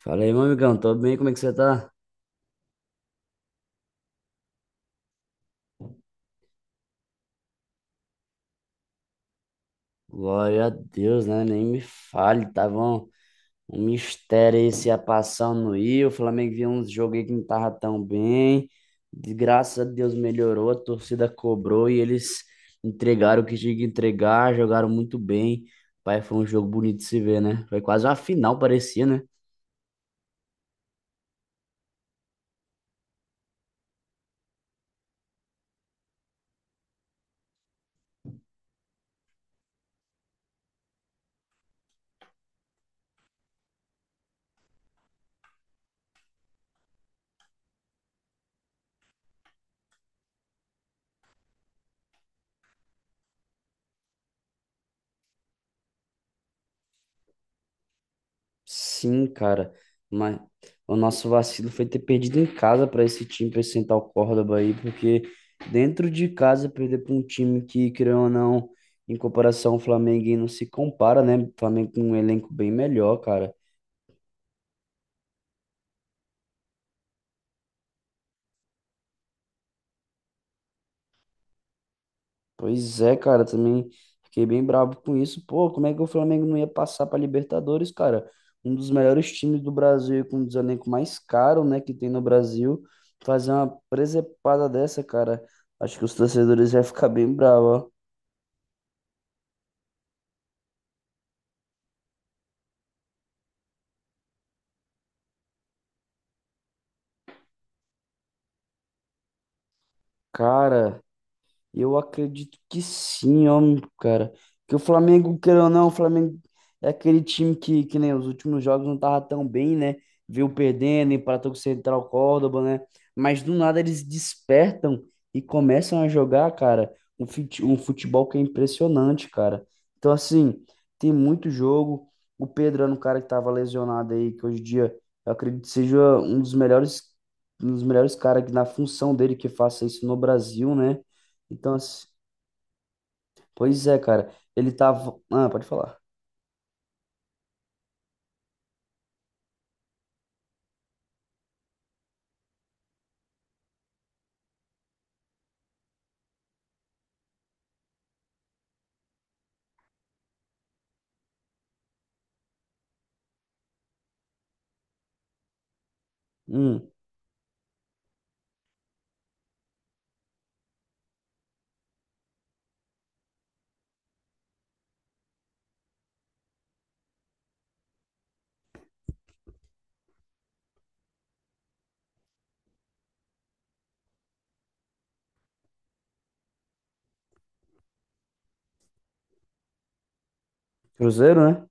Fala aí, meu amigão, tô bem, como é que você tá? Glória a Deus, né? Nem me fale, tava um mistério aí se ia passar ou não ia. O Flamengo viu uns jogos aí que não tava tão bem. De graças a Deus melhorou, a torcida cobrou e eles entregaram o que tinha que entregar, jogaram muito bem. Pai, foi um jogo bonito de se ver, né? Foi quase uma final, parecia, né? Sim, cara, mas o nosso vacilo foi ter perdido em casa para esse time, para esse Central Córdoba aí, porque dentro de casa perder para um time que, querendo ou não, em comparação ao Flamengo, aí não se compara, né? O Flamengo com um elenco bem melhor, cara. Pois é, cara, também fiquei bem bravo com isso. Pô, como é que o Flamengo não ia passar para Libertadores, cara? Um dos melhores times do Brasil, e com um dos elencos mais caros, né, que tem no Brasil, fazer uma presepada dessa, cara. Acho que os torcedores vão ficar bem bravos, ó. Cara, eu acredito que sim, ó, cara. Que o Flamengo, queira ou não, o Flamengo é aquele time que nem os últimos jogos não tava tão bem, né? Viu perdendo, empatou com o Central Córdoba, né? Mas do nada eles despertam e começam a jogar, cara, um futebol que é impressionante, cara. Então, assim, tem muito jogo. O Pedro era um cara que tava lesionado aí, que hoje em dia eu acredito que seja um dos melhores caras que na função dele que faça isso no Brasil, né? Então, assim, pois é, cara. Ele tava. Ah, pode falar. Hum, Cruzeiro, né?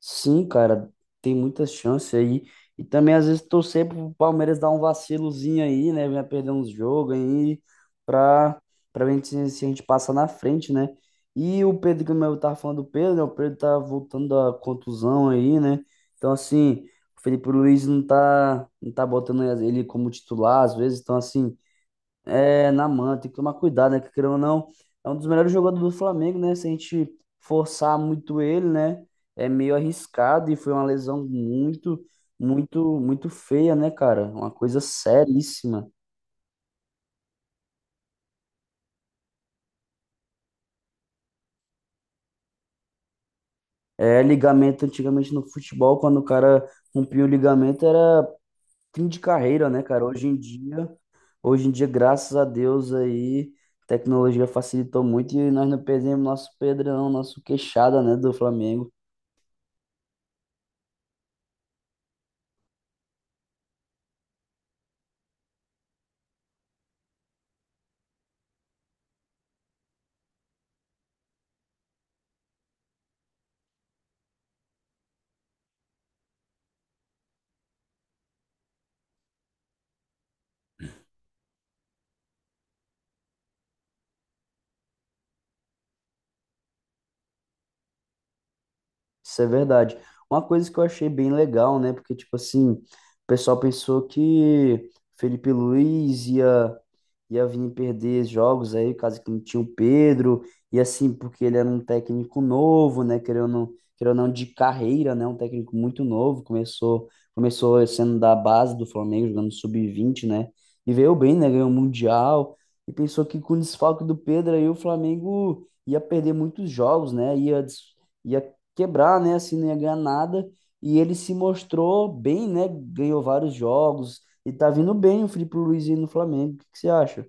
Sim, cara. Tem muitas chances aí. E também, às vezes, torcer pro Palmeiras dar um vacilozinho aí, né? Venha perder uns jogos aí pra, pra ver se a gente passa na frente, né? E o Pedro, como eu tava falando do Pedro, né? O Pedro tá voltando da contusão aí, né? Então, assim, o Felipe Luiz não tá botando ele como titular, às vezes. Então, assim. É, na mão, tem que tomar cuidado, né? Que querendo ou não, é um dos melhores jogadores do Flamengo, né? Se a gente forçar muito ele, né? É meio arriscado e foi uma lesão muito feia, né, cara? Uma coisa seríssima. É, ligamento antigamente no futebol, quando o cara rompia o ligamento, era fim de carreira, né, cara? Hoje em dia, graças a Deus aí, tecnologia facilitou muito e nós não perdemos nosso Pedrão, nosso queixada, né, do Flamengo. Isso é verdade. Uma coisa que eu achei bem legal, né? Porque, tipo assim, o pessoal pensou que Felipe Luiz ia, ia vir perder jogos aí, caso que não tinha o Pedro, e assim, porque ele era um técnico novo, né? Querendo ou não, de carreira, né? Um técnico muito novo, começou sendo da base do Flamengo, jogando sub-20, né? E veio bem, né? Ganhou o Mundial, e pensou que com o desfalque do Pedro aí o Flamengo ia perder muitos jogos, né? Ia quebrar, né? Assim, não ia ganhar nada. E ele se mostrou bem, né? Ganhou vários jogos e tá vindo bem o Filipe Luiz aí no Flamengo. O que que você acha?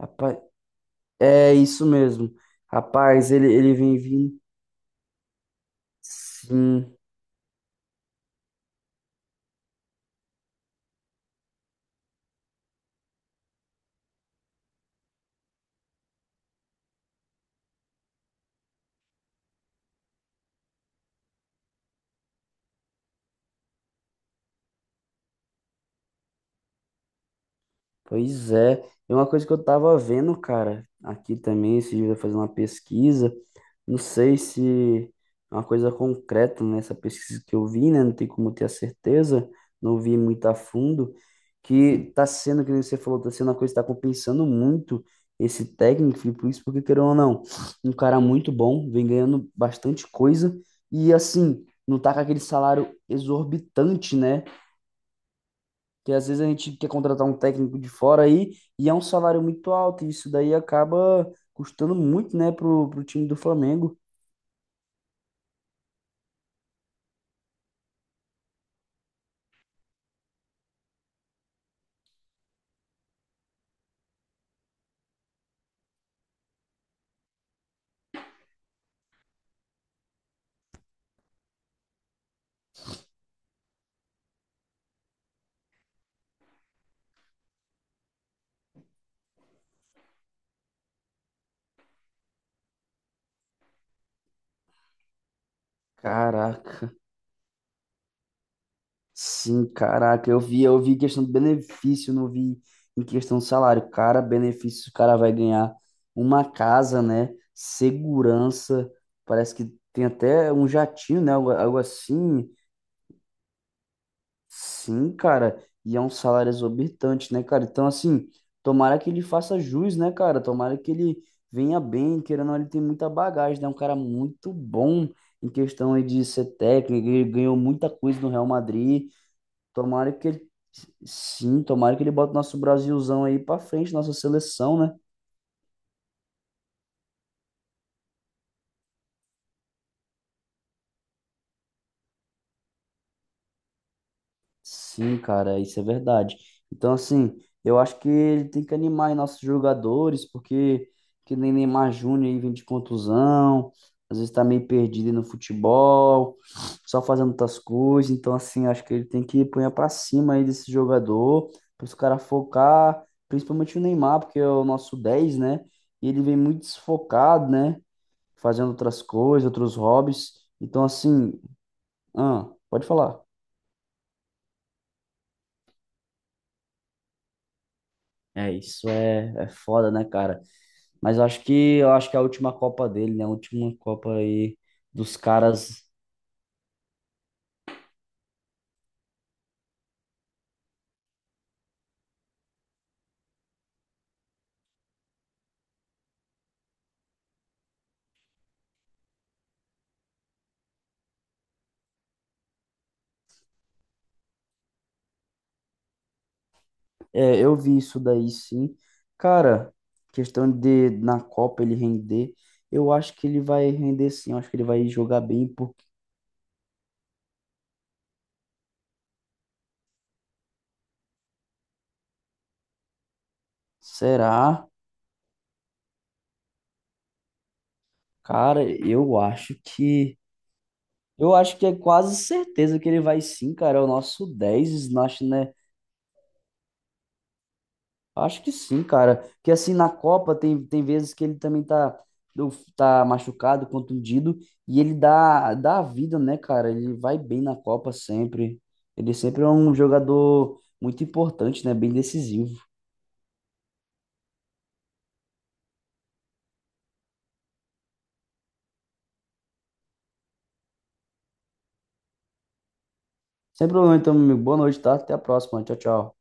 Rapaz, é isso mesmo. Rapaz, ele vem vindo. Sim. Pois é, e uma coisa que eu tava vendo, cara, aqui também, esse dia eu fazendo uma pesquisa, não sei se é uma coisa concreta nessa pesquisa que eu vi, né, não tem como ter a certeza, não vi muito a fundo, que tá sendo, que nem você falou, tá sendo uma coisa que tá compensando muito esse técnico, por isso, porque querendo ou não, um cara muito bom, vem ganhando bastante coisa, e assim, não tá com aquele salário exorbitante, né, porque às vezes a gente quer contratar um técnico de fora aí e é um salário muito alto, e isso daí acaba custando muito, né, pro time do Flamengo. Caraca, sim, caraca, eu vi questão de benefício, não vi em questão de salário. Cara, benefício, o cara vai ganhar uma casa, né? Segurança, parece que tem até um jatinho, né? Algo assim. Sim, cara, e é um salário exorbitante, né, cara? Então, assim, tomara que ele faça jus, né, cara? Tomara que ele venha bem, querendo ou não, ele tem muita bagagem, né? É um cara muito bom em questão aí de ser técnico, ele ganhou muita coisa no Real Madrid. Tomara que ele, sim, tomara que ele bote nosso Brasilzão aí pra frente, nossa seleção, né? Sim, cara, isso é verdade. Então, assim, eu acho que ele tem que animar aí nossos jogadores, porque que nem Neymar Júnior aí vem de contusão, às vezes tá meio perdido aí no futebol, só fazendo outras coisas. Então, assim, acho que ele tem que pôr pra cima aí desse jogador, para os caras focar, principalmente o Neymar, porque é o nosso 10, né? E ele vem muito desfocado, né? Fazendo outras coisas, outros hobbies. Então, assim, ah, pode falar. É, é foda, né, cara? Mas eu acho que é a última Copa dele, né? A última Copa aí dos caras. É, eu vi isso daí sim. Cara, questão de na Copa ele render, eu acho que ele vai render sim, eu acho que ele vai jogar bem, porque será? Cara, eu acho que é quase certeza que ele vai sim, cara, é o nosso 10 acho, né? Acho que sim, cara. Que assim, na Copa tem, tem vezes que ele também tá machucado, contundido, e ele dá a vida, né, cara? Ele vai bem na Copa sempre. Ele sempre é um jogador muito importante, né? Bem decisivo. Sem problema, então, meu amigo. Boa noite, tá? Até a próxima. Tchau, tchau.